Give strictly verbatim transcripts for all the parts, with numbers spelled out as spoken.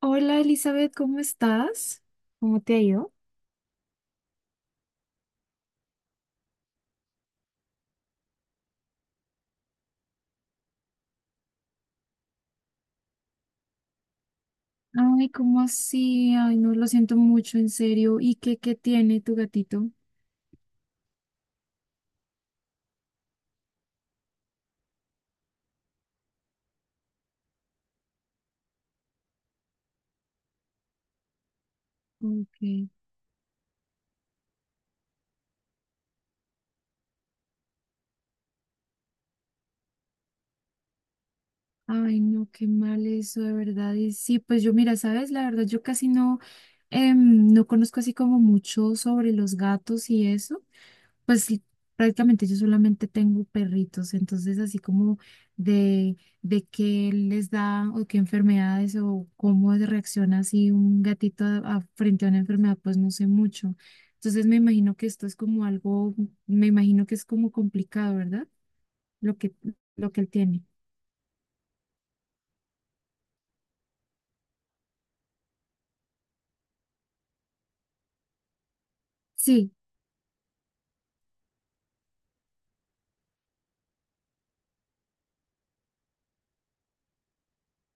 Hola Elizabeth, ¿cómo estás? ¿Cómo te ha ido? Ay, ¿cómo así? Ay, no, lo siento mucho, en serio. ¿Y qué, qué tiene tu gatito? Ok. Ay, no, qué mal eso, de verdad. Y sí, pues yo, mira, sabes, la verdad, yo casi no, em, no conozco así como mucho sobre los gatos y eso. Pues sí, prácticamente yo solamente tengo perritos, entonces así como de, de qué les da o qué enfermedades o cómo reacciona así un gatito a- a- frente a una enfermedad, pues no sé mucho. Entonces me imagino que esto es como algo, me imagino que es como complicado, ¿verdad? Lo que, lo que él tiene. Sí.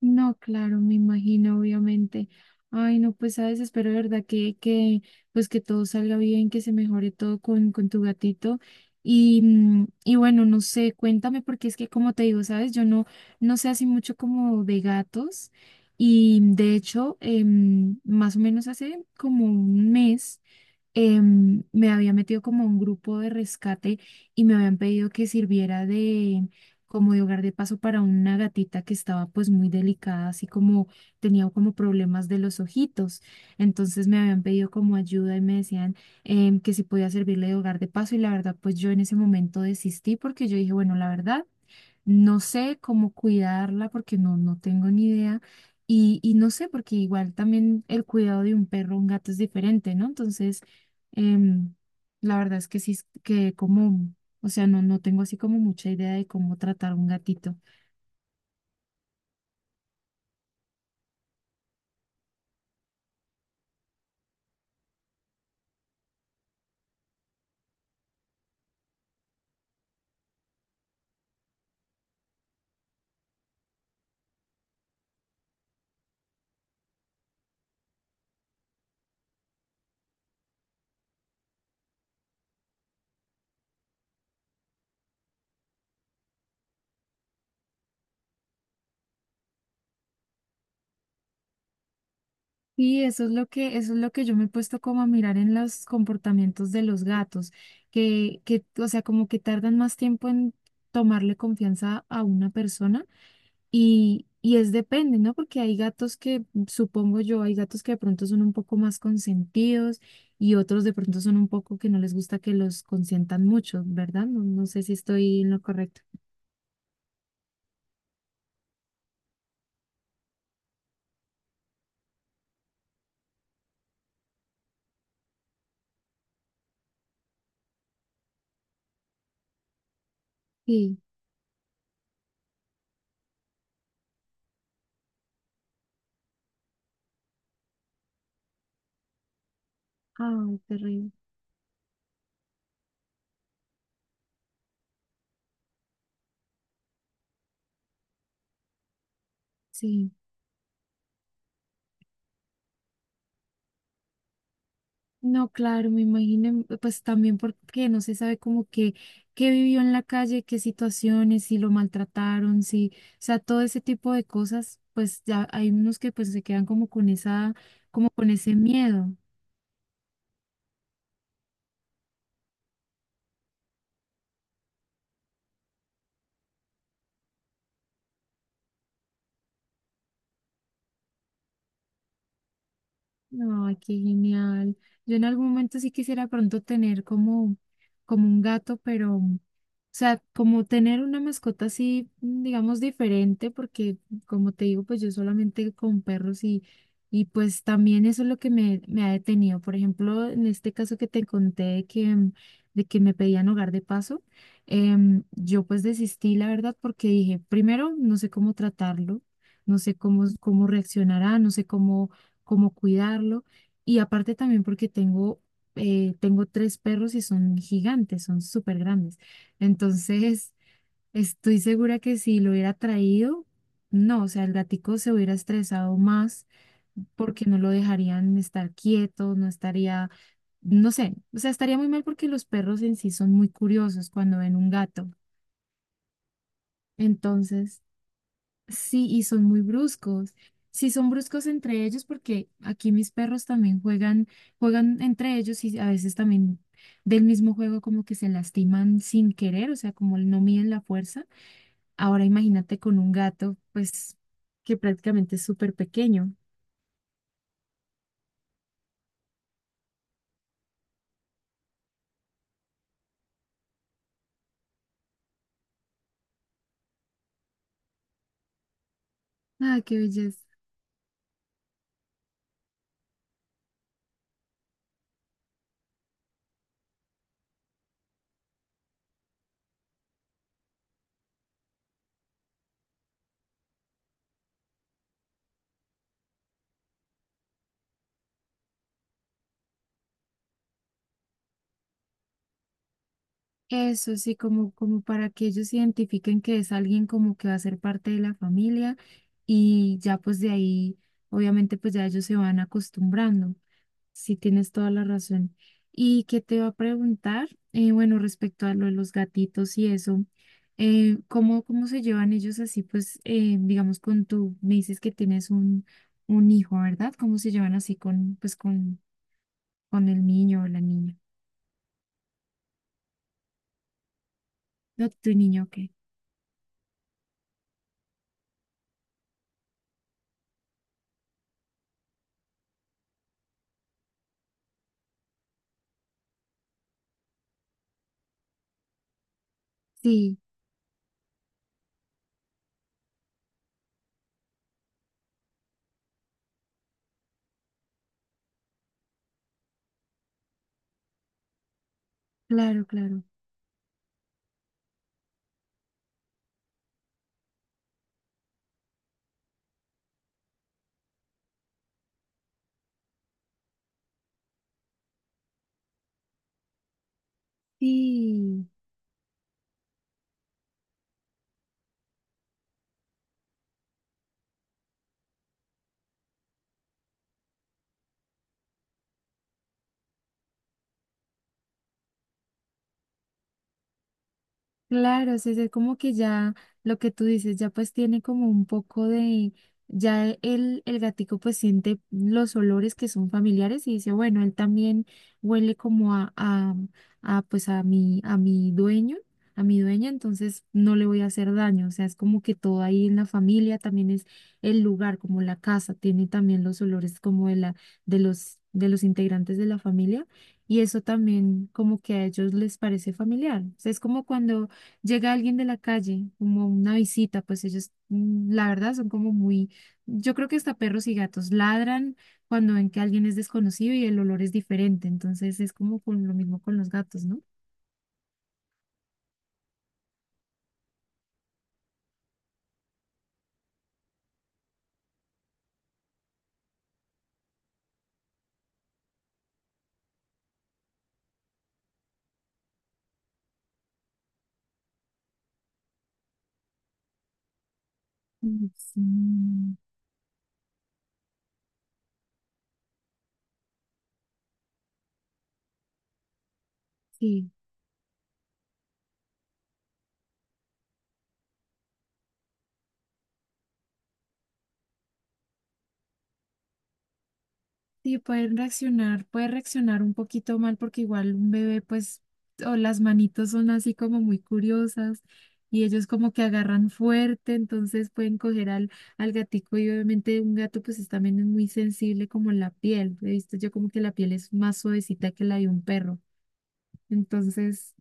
No, claro, me imagino, obviamente. Ay, no, pues sabes, espero de verdad que, que, pues que todo salga bien, que se mejore todo con, con tu gatito. Y, mm, y bueno, no sé, cuéntame, porque es que como te digo, sabes, yo no, no sé así mucho como de gatos. Y de hecho, em, más o menos hace como un mes em, me había metido como a un grupo de rescate y me habían pedido que sirviera de como de hogar de paso para una gatita que estaba pues muy delicada, así como tenía como problemas de los ojitos. Entonces me habían pedido como ayuda y me decían em, que si podía servirle de hogar de paso y la verdad pues yo en ese momento desistí porque yo dije, bueno, la verdad. No sé cómo cuidarla porque no, no tengo ni idea. Y, y no sé, porque igual también el cuidado de un perro o un gato es diferente, ¿no? Entonces, em, la verdad es que sí, es que como, o sea, no, no tengo así como mucha idea de cómo tratar un gatito. Y eso es lo que, eso es lo que yo me he puesto como a mirar en los comportamientos de los gatos, que, que, o sea, como que tardan más tiempo en tomarle confianza a una persona. Y, y es depende, ¿no? Porque hay gatos que, supongo yo, hay gatos que de pronto son un poco más consentidos y otros de pronto son un poco que no les gusta que los consientan mucho, ¿verdad? No, no sé si estoy en lo correcto. Sí. Ay, terrible. Sí. No, claro, me imagino, pues también porque no se sabe como que qué vivió en la calle, qué situaciones, si lo maltrataron, si, o sea, todo ese tipo de cosas, pues ya hay unos que pues se quedan como con esa, como con ese miedo. Ay, qué genial. Yo en algún momento sí quisiera pronto tener como, como un gato, pero o sea, como tener una mascota así, mm, digamos, diferente, porque como te digo, pues yo solamente con perros y, y pues también eso es lo que me, me ha detenido. Por ejemplo, en este caso que te conté de que, mm, de que me pedían hogar de paso, em, yo pues desistí, la verdad, porque dije, primero, no sé cómo tratarlo, no sé cómo, cómo reaccionará, no sé cómo, cómo cuidarlo. Y aparte también porque tengo, eh, tengo tres perros y son gigantes, son súper grandes. Entonces, estoy segura que si lo hubiera traído, no, o sea, el gatico se hubiera estresado más porque no lo dejarían estar quieto, no estaría, no sé, o sea, estaría muy mal porque los perros en sí son muy curiosos cuando ven un gato. Entonces, sí, y son muy bruscos. Sí, son bruscos entre ellos porque aquí mis perros también juegan, juegan entre ellos y a veces también del mismo juego como que se lastiman sin querer, o sea, como no miden la fuerza. Ahora imagínate con un gato, pues, que prácticamente es súper pequeño. Ah, qué belleza. Eso sí, como, como para que ellos identifiquen que es alguien como que va a ser parte de la familia y ya pues de ahí, obviamente pues ya ellos se van acostumbrando. Sí, tienes toda la razón. ¿Y qué te va a preguntar? Eh, bueno, respecto a lo de los gatitos y eso, eh, ¿cómo, Cómo se llevan ellos así? Pues, eh, digamos, con tu, me dices que tienes un, un hijo, ¿verdad? ¿Cómo se llevan así con, pues, con, con el niño o la niña? No, tu niño, ok. Sí, claro, claro. Sí. Claro, sí, es como que ya lo que tú dices, ya pues tiene como un poco de, ya e, el, el gatico pues siente los olores que son familiares y dice, bueno, él también huele como a, a, a, pues a mi, a mi dueño, a mi dueña, entonces no le voy a hacer daño, o sea, es como que todo ahí en la familia también es el lugar, como la casa, tiene también los olores como de la, de los, de los integrantes de la familia. Y eso también como que a ellos les parece familiar. O sea, es como cuando llega alguien de la calle, como una visita, pues ellos, mm, la verdad, son como muy, yo creo que hasta perros y gatos ladran cuando ven que alguien es desconocido y el olor es diferente, entonces es como con lo mismo con los gatos, ¿no? Mm, sí, sí, pueden reaccionar, puede reaccionar un poquito mal porque igual un bebé, pues, o las manitos son así como muy curiosas y ellos como que agarran fuerte, entonces pueden coger al, al gatico y obviamente un gato pues es- también es muy sensible como la piel. He visto yo como que la piel es más suavecita que la de un perro. Entonces,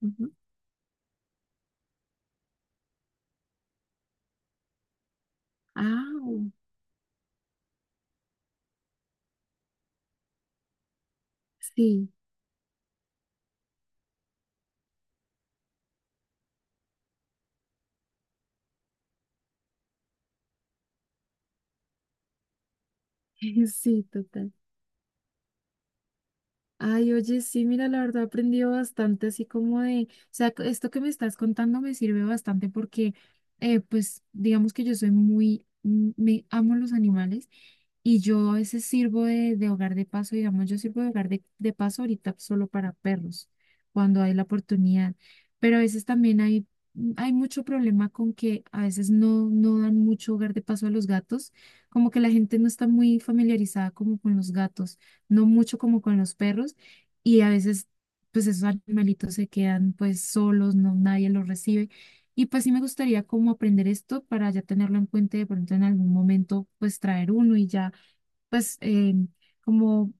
ujú. Ah, sí, sí, total. Ay, oye, sí, mira, la verdad he aprendido bastante, así como de, o sea, c- esto que me estás contando me sirve bastante porque, eh, pues, digamos que yo soy muy, mm, me amo los animales y yo a veces sirvo de, de hogar de paso, digamos, yo sirvo de hogar de, de paso ahorita solo para perros, cuando hay la oportunidad, pero a veces también hay, mm, hay mucho problema con que a veces no, no dan mucho hogar de paso a los gatos, como que la gente no está muy familiarizada como con los gatos no mucho como con los perros, y a veces pues esos animalitos se quedan pues solos, no nadie los recibe. Y pues sí me gustaría como aprender esto para ya tenerlo en cuenta y de pronto en algún momento pues traer uno y ya pues eh, como,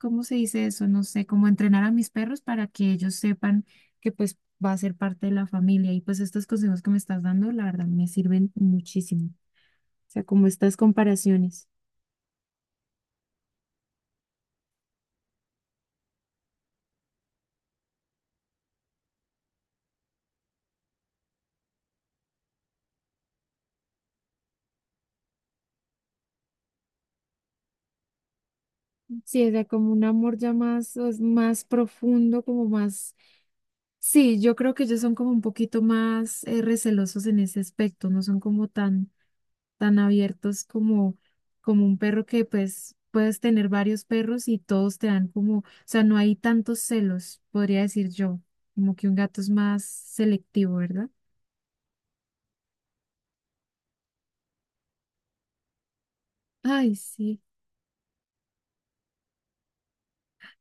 ¿cómo se dice eso? No sé, como entrenar a mis perros para que ellos sepan que pues va a ser parte de la familia. Y pues estos consejos que me estás dando, la verdad, me sirven muchísimo. O sea, como estas comparaciones. Sí, o sea, como un amor ya más, es más profundo, como más... Sí, yo creo que ellos son como un poquito más eh, recelosos en ese aspecto, no son como tan, tan abiertos como, como un perro que pues puedes tener varios perros y todos te dan como, o sea, no hay tantos celos, podría decir yo, como que un gato es más selectivo, ¿verdad? Ay, sí.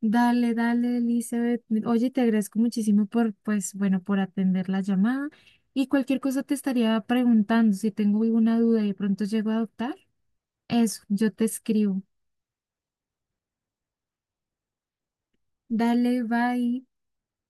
Dale, dale, Elizabeth. Oye, te agradezco muchísimo por, pues, bueno, por atender la llamada. Y cualquier cosa te estaría preguntando si tengo alguna duda y de pronto llego a adoptar. Eso, yo te escribo. Dale, bye.